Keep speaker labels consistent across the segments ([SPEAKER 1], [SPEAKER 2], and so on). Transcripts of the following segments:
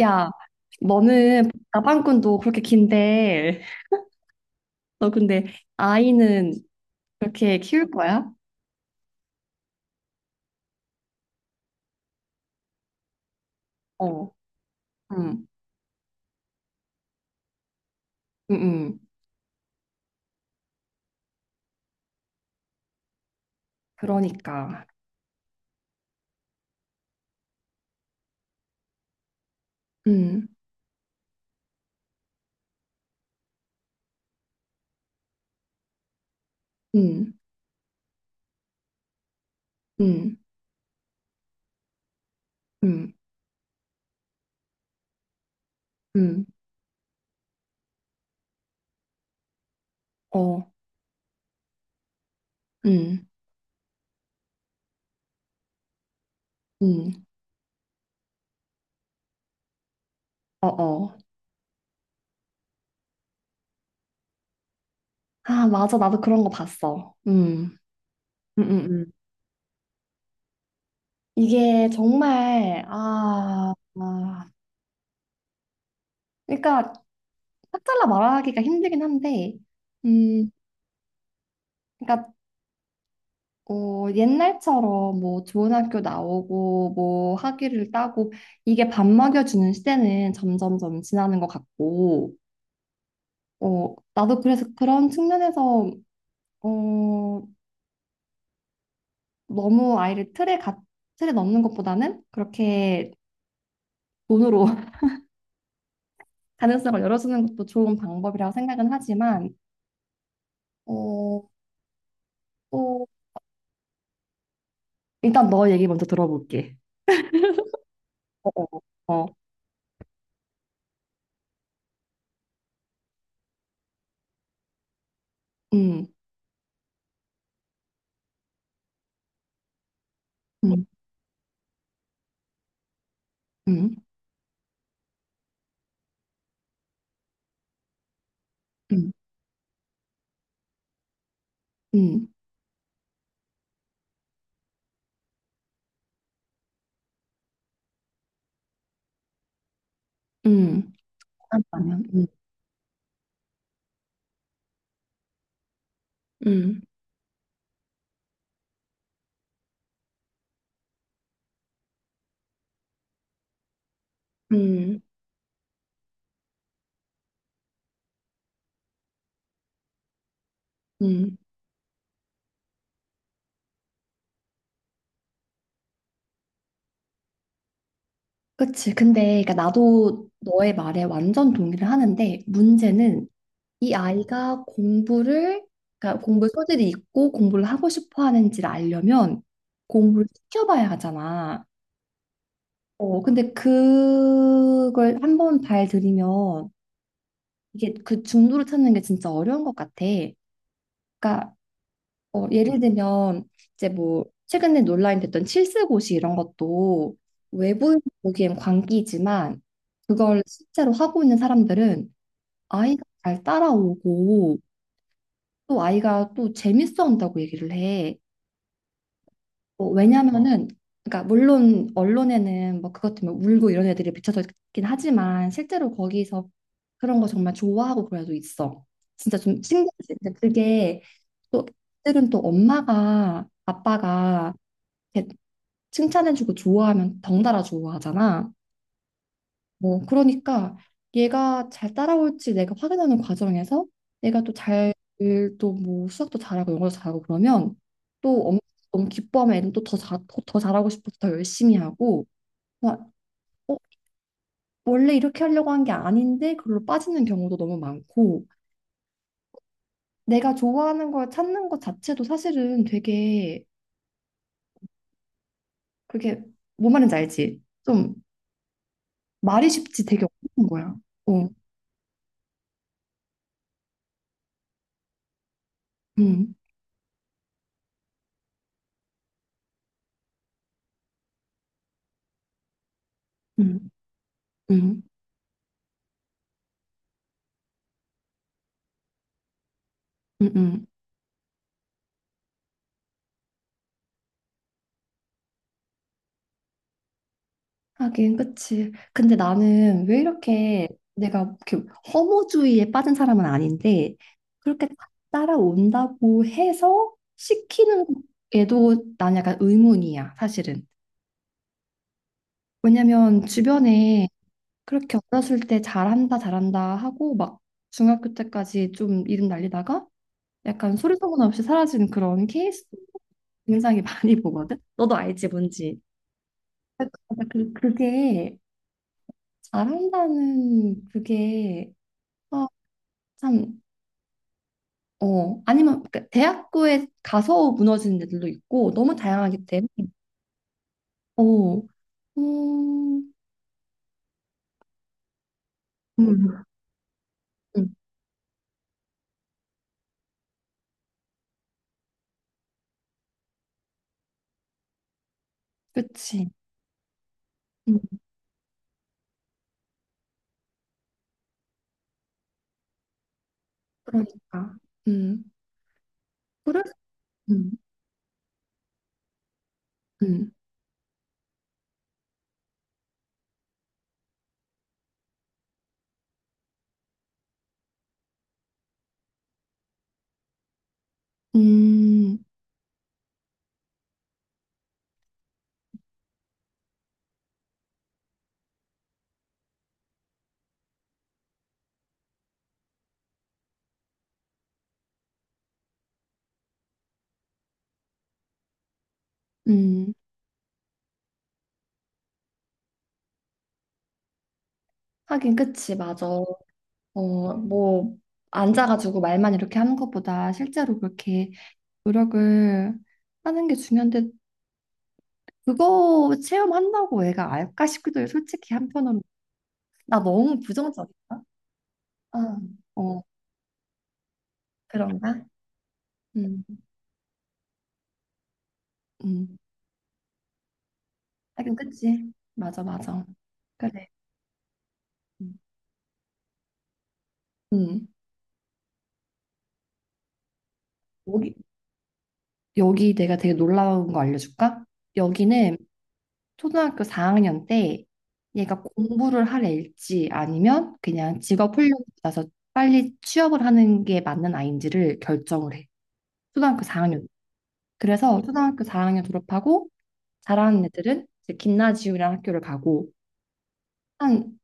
[SPEAKER 1] 야, 너는 나방꾼도 그렇게 긴데, 너 근데 아이는 그렇게 키울 거야? 어, 응, 응, 응. 그러니까, 응, 응, 응, 응, 응, 어, 응, 응, 어, 어. 아, 맞아. 나도 그런 거 봤어. 응, 응, 응, 응. 이게 정말, 아, 아. 그러니까, 딱 잘라 말하기가 힘들긴 한데, 음, 그러니까 옛날처럼 뭐 좋은 학교 나오고 뭐 학위를 따고 이게 밥 먹여주는 시대는 점점점 지나는 것 같고 나도 그래서 그런 측면에서 어, 너무 아이를 틀에 넣는 것보다는 그렇게 돈으로 가능성을 열어주는 것도 좋은 방법이라고 생각은 하지만 어, 또 일단 너 얘기 먼저 들어볼게. 어, 어, 어. 음, 음, 음, 음, 음, 음. 잠깐 음, 음, 음, 음, 그치. 근데, 그러니까 나도 너의 말에 완전 동의를 하는데, 문제는 이 아이가 그러니까 공부 소질이 있고 공부를 하고 싶어 하는지를 알려면 공부를 시켜봐야 하잖아. 근데 그걸 한번 발 들이면 이게 그 중도를 찾는 게 진짜 어려운 것 같아. 그러니까 예를 들면 이제 뭐 최근에 논란이 됐던 칠수고시 이런 것도 외부에서 보기엔 광기지만 그걸 실제로 하고 있는 사람들은 아이가 잘 따라오고 또 아이가 또 재밌어 한다고 얘기를 해. 뭐 왜냐면은 그러니까 물론 언론에는 뭐 그것 때문에 울고 이런 애들이 비춰져 있긴 하지만 실제로 거기서 그런 거 정말 좋아하고 그래도 있어. 진짜 좀 신기하지. 근데 그게 또 그들은 또 엄마가 아빠가 걔 칭찬해주고 좋아하면 덩달아 좋아하잖아. 뭐 그러니까 얘가 잘 따라올지 내가 확인하는 과정에서 얘가 또 잘 또 뭐 수학도 잘하고 영어도 잘하고 그러면 또 너무 기뻐하면 애는 또 더 잘하고 싶어서 더 열심히 하고 막 어, 원래 이렇게 하려고 한 게 아닌데 그걸로 빠지는 경우도 너무 많고 내가 좋아하는 걸 찾는 것 자체도 사실은 되게 그게 뭔 말인지 알지? 좀 말이 쉽지 되게 어려운 거야. 어, 음. 음. 응, 응, 응. 하긴, 그치. 근데 나는 왜 이렇게 내가 이렇게 허무주의에 빠진 사람은 아닌데, 그렇게 따라온다고 해서 시키는 애도 난 약간 의문이야, 사실은. 왜냐면 주변에 그렇게 어렸을 때 잘한다, 잘한다 하고 막 중학교 때까지 좀 이름 날리다가 약간 소리 소문 없이 사라진 그런 케이스 굉장히 많이 보거든. 너도 알지, 뭔지. 그러니까 그게 잘한다는 그게 아 참, 아니면 그 대학교에 가서 무너지는 애들도 있고 너무 다양하기 때문에 어, 어, 음, 음. 음, 그치. 음, 그러니까. 음, 그래? 음, 음, 음, 음. 하긴, 그치, 맞아. 뭐, 앉아가지고 말만 이렇게 하는 것보다 실제로 그렇게 노력을 하는 게 중요한데, 그거 체험한다고 애가 알까 싶기도 해요. 솔직히 한편으로 나 너무 부정적인가? 아, 어, 그런가? 음, 음. 하긴 그치. 맞아, 맞아. 그래. 음. 음. 여기 여기 내가 되게 놀라운 거 알려줄까? 여기는 초등학교 4학년 때 얘가 공부를 할 애일지 아니면 그냥 직업 훈련 받아서 빨리 취업을 하는 게 맞는 아이인지를 결정을 해. 초등학교 4학년. 그래서 초등학교 4학년 졸업하고 잘하는 애들은 이제 김나지움이라는 학교를 가고 한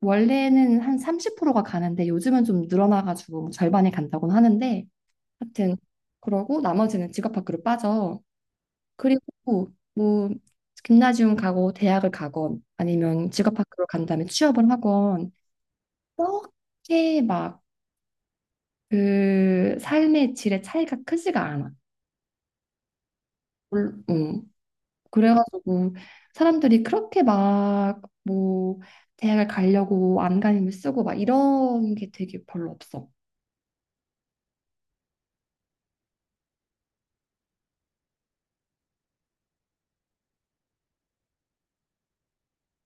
[SPEAKER 1] 원래는 한 30%가 가는데 요즘은 좀 늘어나가지고 뭐 절반이 간다고는 하는데 하여튼 그러고 나머지는 직업학교로 빠져. 그리고 뭐 김나지움 가고 대학을 가건 아니면 직업학교로 간 다음에 취업을 하건 그렇게 막 그 삶의 질의 차이가 크지가 않아. 물- 음, 그래가지고 사람들이 그렇게 막 뭐 대학을 가려고 안간힘을 쓰고 막 이런 게 되게 별로 없어.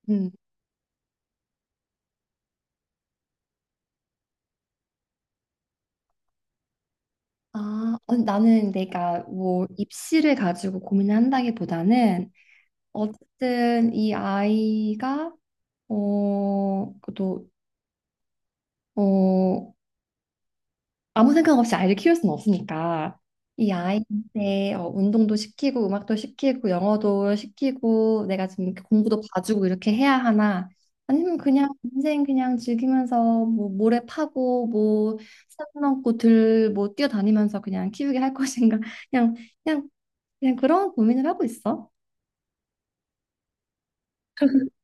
[SPEAKER 1] 음. 아, 나는 내가 뭐 입시를 가지고 고민을 한다기보다는 어쨌든 이 아이가 또, 어, 아무 생각 없이 아이를 키울 수는 없으니까 이 아이한테 운동도 시키고 음악도 시키고 영어도 시키고 내가 지금 이렇게 공부도 봐주고 이렇게 해야 하나 아니면 그냥 인생 그냥 즐기면서 뭐 모래 파고 뭐산 넘고 들뭐 뛰어다니면서 그냥 키우게 할 것인가 그냥 그냥 그냥 그런 고민을 하고 있어.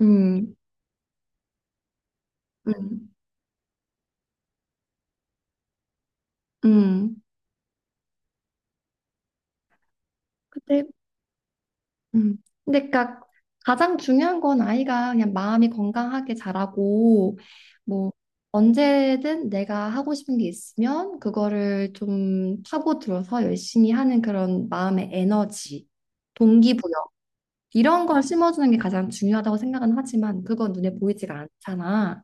[SPEAKER 1] 음, 음, 음. 음. 근데 그니까 가장 중요한 건 아이가 그냥 마음이 건강하게 자라고 뭐 언제든 내가 하고 싶은 게 있으면 그거를 좀 파고들어서 열심히 하는 그런 마음의 에너지, 동기부여 이런 걸 심어주는 게 가장 중요하다고 생각은 하지만 그건 눈에 보이지가 않잖아.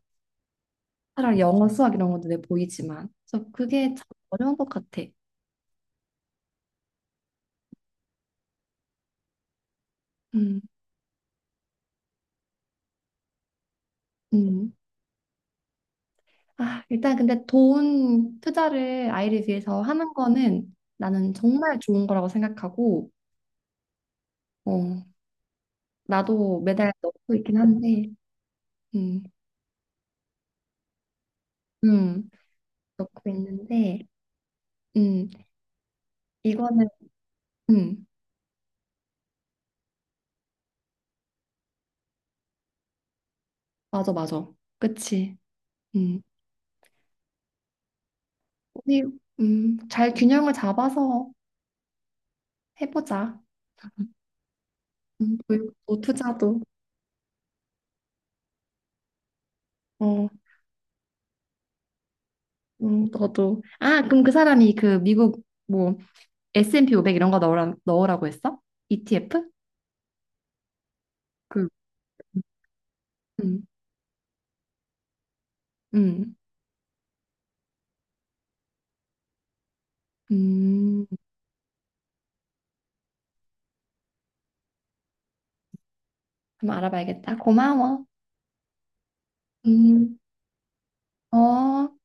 [SPEAKER 1] 차라리 영어, 수학 이런 건 눈에 보이지만 그래서 그게 참 어려운 것 같아. 음, 음. 아, 일단 근데 돈 투자를 아이를 위해서 하는 거는 나는 정말 좋은 거라고 생각하고, 어, 나도 매달 넣고 있긴 한데, 음, 음, 넣고 있는데, 음, 이거는, 음, 맞아, 맞아. 그치. 음, 우리, 잘 균형을 잡아서 해보자. 교육도, 투자도, 어, 너도. 아, 그럼 그 사람이 그 미국 뭐 S&P 500 이런 거 넣으라고 했어? ETF? 그, 음. 음, 음, 한번 알아봐야겠다. 고마워. 음, 어.